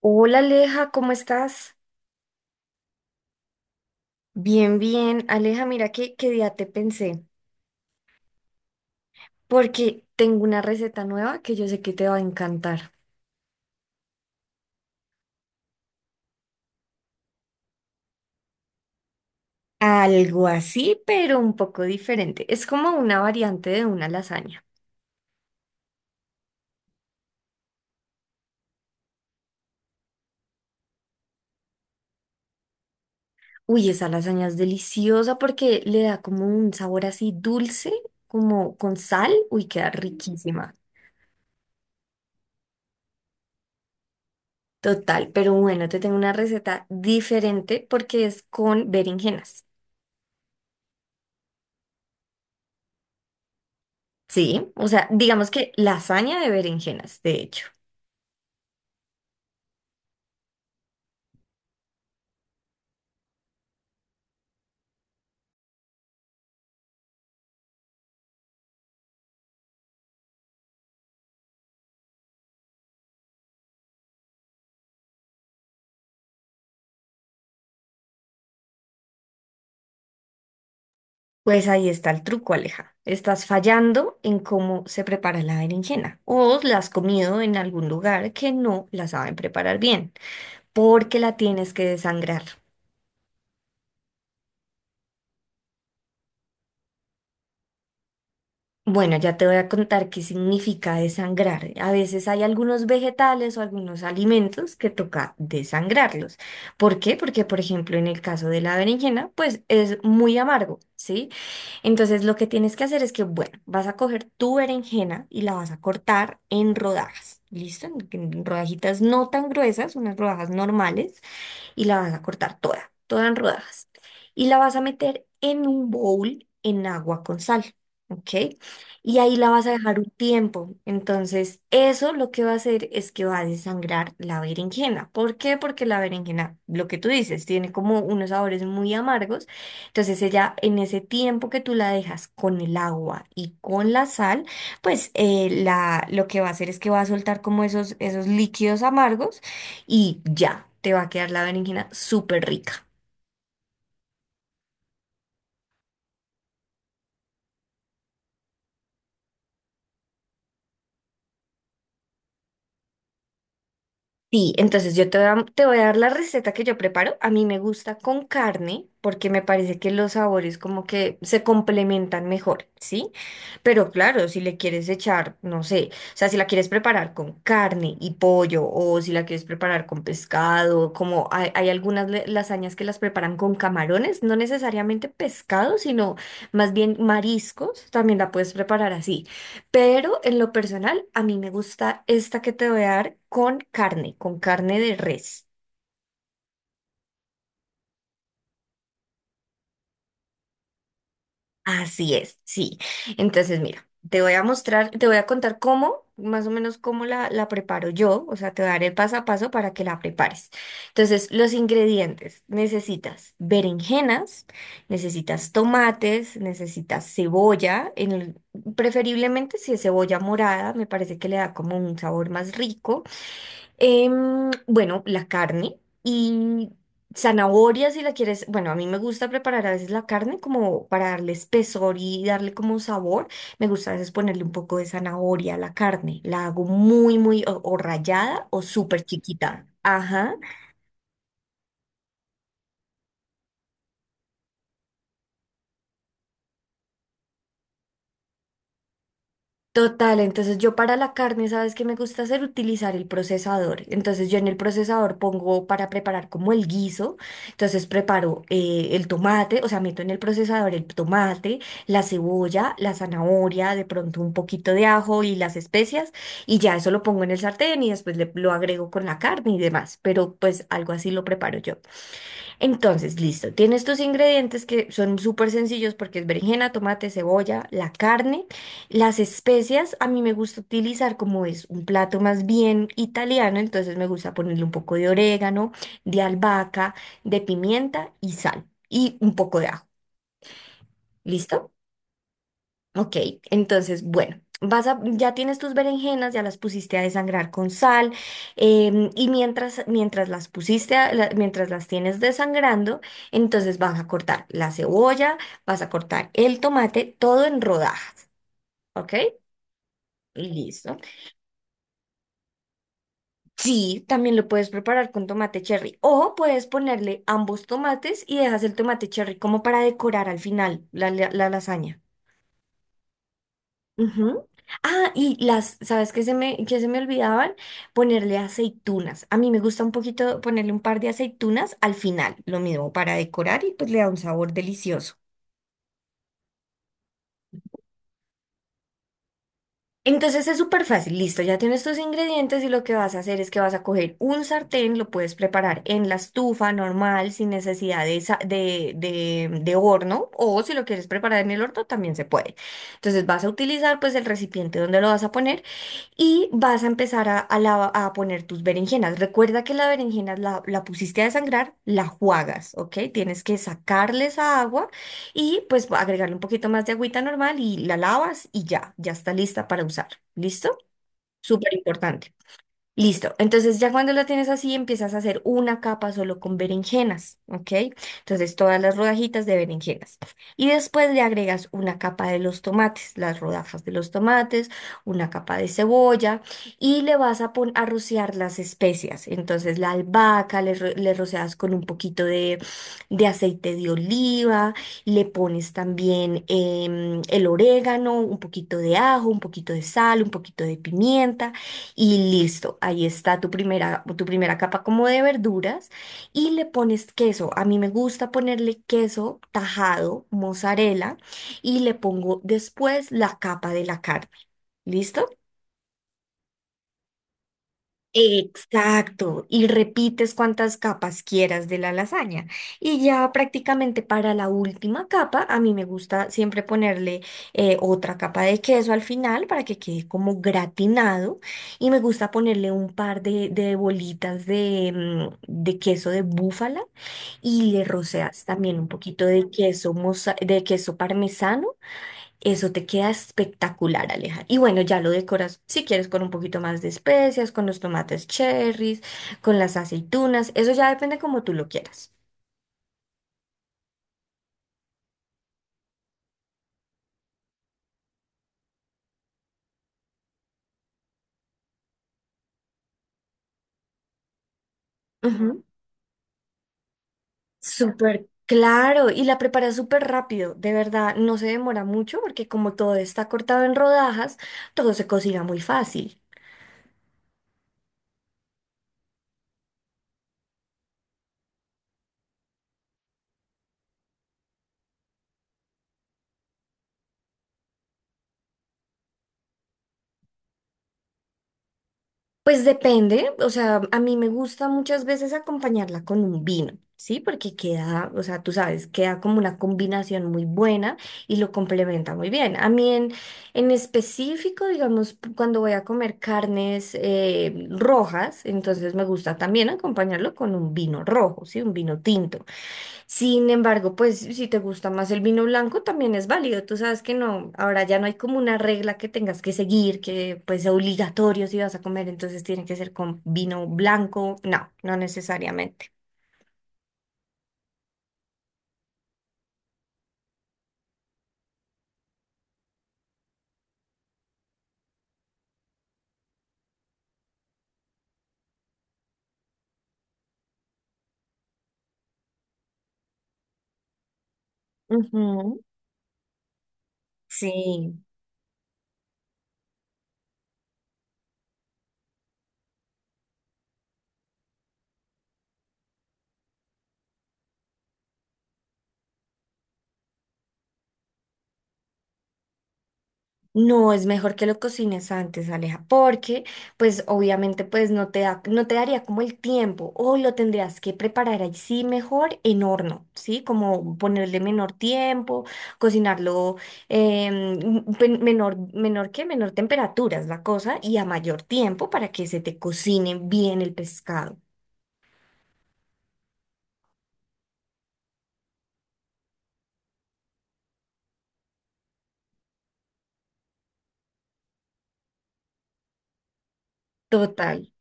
Hola Aleja, ¿cómo estás? Bien, bien. Aleja, mira que día te pensé, porque tengo una receta nueva que yo sé que te va a encantar. Algo así, pero un poco diferente. Es como una variante de una lasaña. Uy, esa lasaña es deliciosa porque le da como un sabor así dulce, como con sal. Uy, queda riquísima. Total, pero bueno, te tengo una receta diferente porque es con berenjenas. Sí, o sea, digamos que lasaña de berenjenas, de hecho. Pues ahí está el truco, Aleja. Estás fallando en cómo se prepara la berenjena o la has comido en algún lugar que no la saben preparar bien, porque la tienes que desangrar. Bueno, ya te voy a contar qué significa desangrar. A veces hay algunos vegetales o algunos alimentos que toca desangrarlos. ¿Por qué? Porque, por ejemplo, en el caso de la berenjena, pues es muy amargo, ¿sí? Entonces, lo que tienes que hacer es que, bueno, vas a coger tu berenjena y la vas a cortar en rodajas, ¿listo? En rodajitas no tan gruesas, unas rodajas normales y la vas a cortar toda, toda en rodajas. Y la vas a meter en un bowl en agua con sal, ¿ok? Y ahí la vas a dejar un tiempo. Entonces, eso lo que va a hacer es que va a desangrar la berenjena. ¿Por qué? Porque la berenjena, lo que tú dices, tiene como unos sabores muy amargos. Entonces, ella en ese tiempo que tú la dejas con el agua y con la sal, pues la, lo que va a hacer es que va a soltar como esos, esos líquidos amargos y ya, te va a quedar la berenjena súper rica. Sí, entonces yo te voy a dar la receta que yo preparo. A mí me gusta con carne porque me parece que los sabores como que se complementan mejor, ¿sí? Pero claro, si le quieres echar, no sé, o sea, si la quieres preparar con carne y pollo o si la quieres preparar con pescado, como hay algunas lasañas que las preparan con camarones, no necesariamente pescado, sino más bien mariscos, también la puedes preparar así. Pero en lo personal, a mí me gusta esta que te voy a dar con carne de res. Así es, sí. Entonces, mira, te voy a mostrar, te voy a contar cómo, más o menos cómo la, la preparo yo. O sea, te voy a dar el paso a paso para que la prepares. Entonces, los ingredientes. Necesitas berenjenas, necesitas tomates, necesitas cebolla, preferiblemente si es cebolla morada, me parece que le da como un sabor más rico. Bueno, la carne y zanahoria si la quieres. Bueno, a mí me gusta preparar a veces la carne como para darle espesor y darle como sabor. Me gusta a veces ponerle un poco de zanahoria a la carne. La hago muy, muy o rallada o súper chiquita. Ajá. Total, entonces yo para la carne, ¿sabes qué me gusta hacer? Utilizar el procesador. Entonces yo en el procesador pongo para preparar como el guiso. Entonces preparo el tomate, o sea, meto en el procesador el tomate, la cebolla, la zanahoria, de pronto un poquito de ajo y las especias. Y ya eso lo pongo en el sartén y después lo agrego con la carne y demás. Pero pues algo así lo preparo yo. Entonces, listo, tienes tus ingredientes que son súper sencillos porque es berenjena, tomate, cebolla, la carne, las especias, a mí me gusta utilizar como es un plato más bien italiano, entonces me gusta ponerle un poco de orégano, de albahaca, de pimienta y sal y un poco de ajo. ¿Listo? Ok, entonces, bueno, vas a, ya tienes tus berenjenas, ya las pusiste a desangrar con sal, y mientras las pusiste, mientras las tienes desangrando, entonces vas a cortar la cebolla, vas a cortar el tomate, todo en rodajas, ¿ok? Listo. Sí, también lo puedes preparar con tomate cherry o puedes ponerle ambos tomates y dejas el tomate cherry como para decorar al final la lasaña. Ujú. Ah, y las, ¿sabes qué se me olvidaban? Ponerle aceitunas. A mí me gusta un poquito ponerle un par de aceitunas al final, lo mismo para decorar y pues le da un sabor delicioso. Entonces es súper fácil, listo, ya tienes tus ingredientes y lo que vas a hacer es que vas a coger un sartén, lo puedes preparar en la estufa normal sin necesidad de, sa- de horno o si lo quieres preparar en el horno también se puede. Entonces vas a utilizar pues el recipiente donde lo vas a poner. Y vas a empezar a poner tus berenjenas. Recuerda que la berenjena la pusiste a desangrar, la juagas, ¿ok? Tienes que sacarle esa agua y pues agregarle un poquito más de agüita normal y la lavas y ya, ya está lista para usar. ¿Listo? Súper importante. Listo. Entonces ya cuando la tienes así, empiezas a hacer una capa solo con berenjenas, ¿ok? Entonces todas las rodajitas de berenjenas. Y después le agregas una capa de los tomates, las rodajas de los tomates, una capa de cebolla y le vas a, a rociar las especias. Entonces la albahaca le, le rocias con un poquito de aceite de oliva, le pones también el orégano, un poquito de ajo, un poquito de sal, un poquito de pimienta. Y listo, ahí está tu primera capa como de verduras y le pones queso. A mí me gusta ponerle queso tajado, mozzarella y le pongo después la capa de la carne. ¿Listo? Exacto, y repites cuantas capas quieras de la lasaña. Y ya prácticamente para la última capa, a mí me gusta siempre ponerle otra capa de queso al final para que quede como gratinado. Y me gusta ponerle un par de bolitas de, de queso de búfala y le roceas también un poquito de queso, de queso parmesano. Eso te queda espectacular, Aleja. Y bueno, ya lo decoras si quieres con un poquito más de especias, con los tomates cherries, con las aceitunas. Eso ya depende como tú lo quieras. Ujú. Súper claro. Y la preparas súper rápido. De verdad, no se demora mucho porque como todo está cortado en rodajas, todo se cocina muy fácil. Pues depende, o sea, a mí me gusta muchas veces acompañarla con un vino, ¿sí? Porque queda, o sea, tú sabes, queda como una combinación muy buena y lo complementa muy bien. A mí en específico, digamos, cuando voy a comer carnes rojas, entonces me gusta también acompañarlo con un vino rojo, ¿sí? Un vino tinto. Sin embargo, pues si te gusta más el vino blanco, también es válido. Tú sabes que no, ahora ya no hay como una regla que tengas que seguir, que pues sea obligatorio si vas a comer, entonces tiene que ser con vino blanco. No, no necesariamente. Ujú. Sí. No, es mejor que lo cocines antes, Aleja, porque pues obviamente pues no te da, no te daría como el tiempo o lo tendrías que preparar ahí sí mejor en horno, ¿sí? Como ponerle menor tiempo, cocinarlo menor, menor que menor temperatura es la cosa y a mayor tiempo para que se te cocine bien el pescado. Total.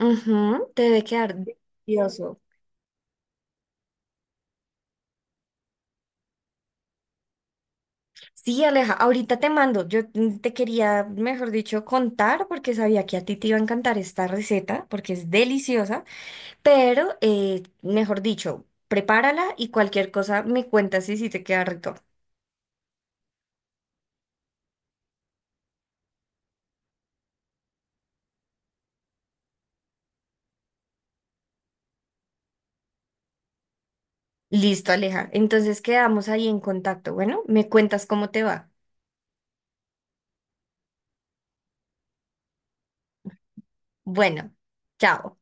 Ujú, te debe quedar delicioso. Sí, Aleja, ahorita te mando. Yo te quería, mejor dicho, contar porque sabía que a ti te iba a encantar esta receta porque es deliciosa, pero, mejor dicho, prepárala y cualquier cosa me cuentas y si te queda rico. Listo, Aleja. Entonces quedamos ahí en contacto. Bueno, me cuentas cómo te va. Bueno, chao.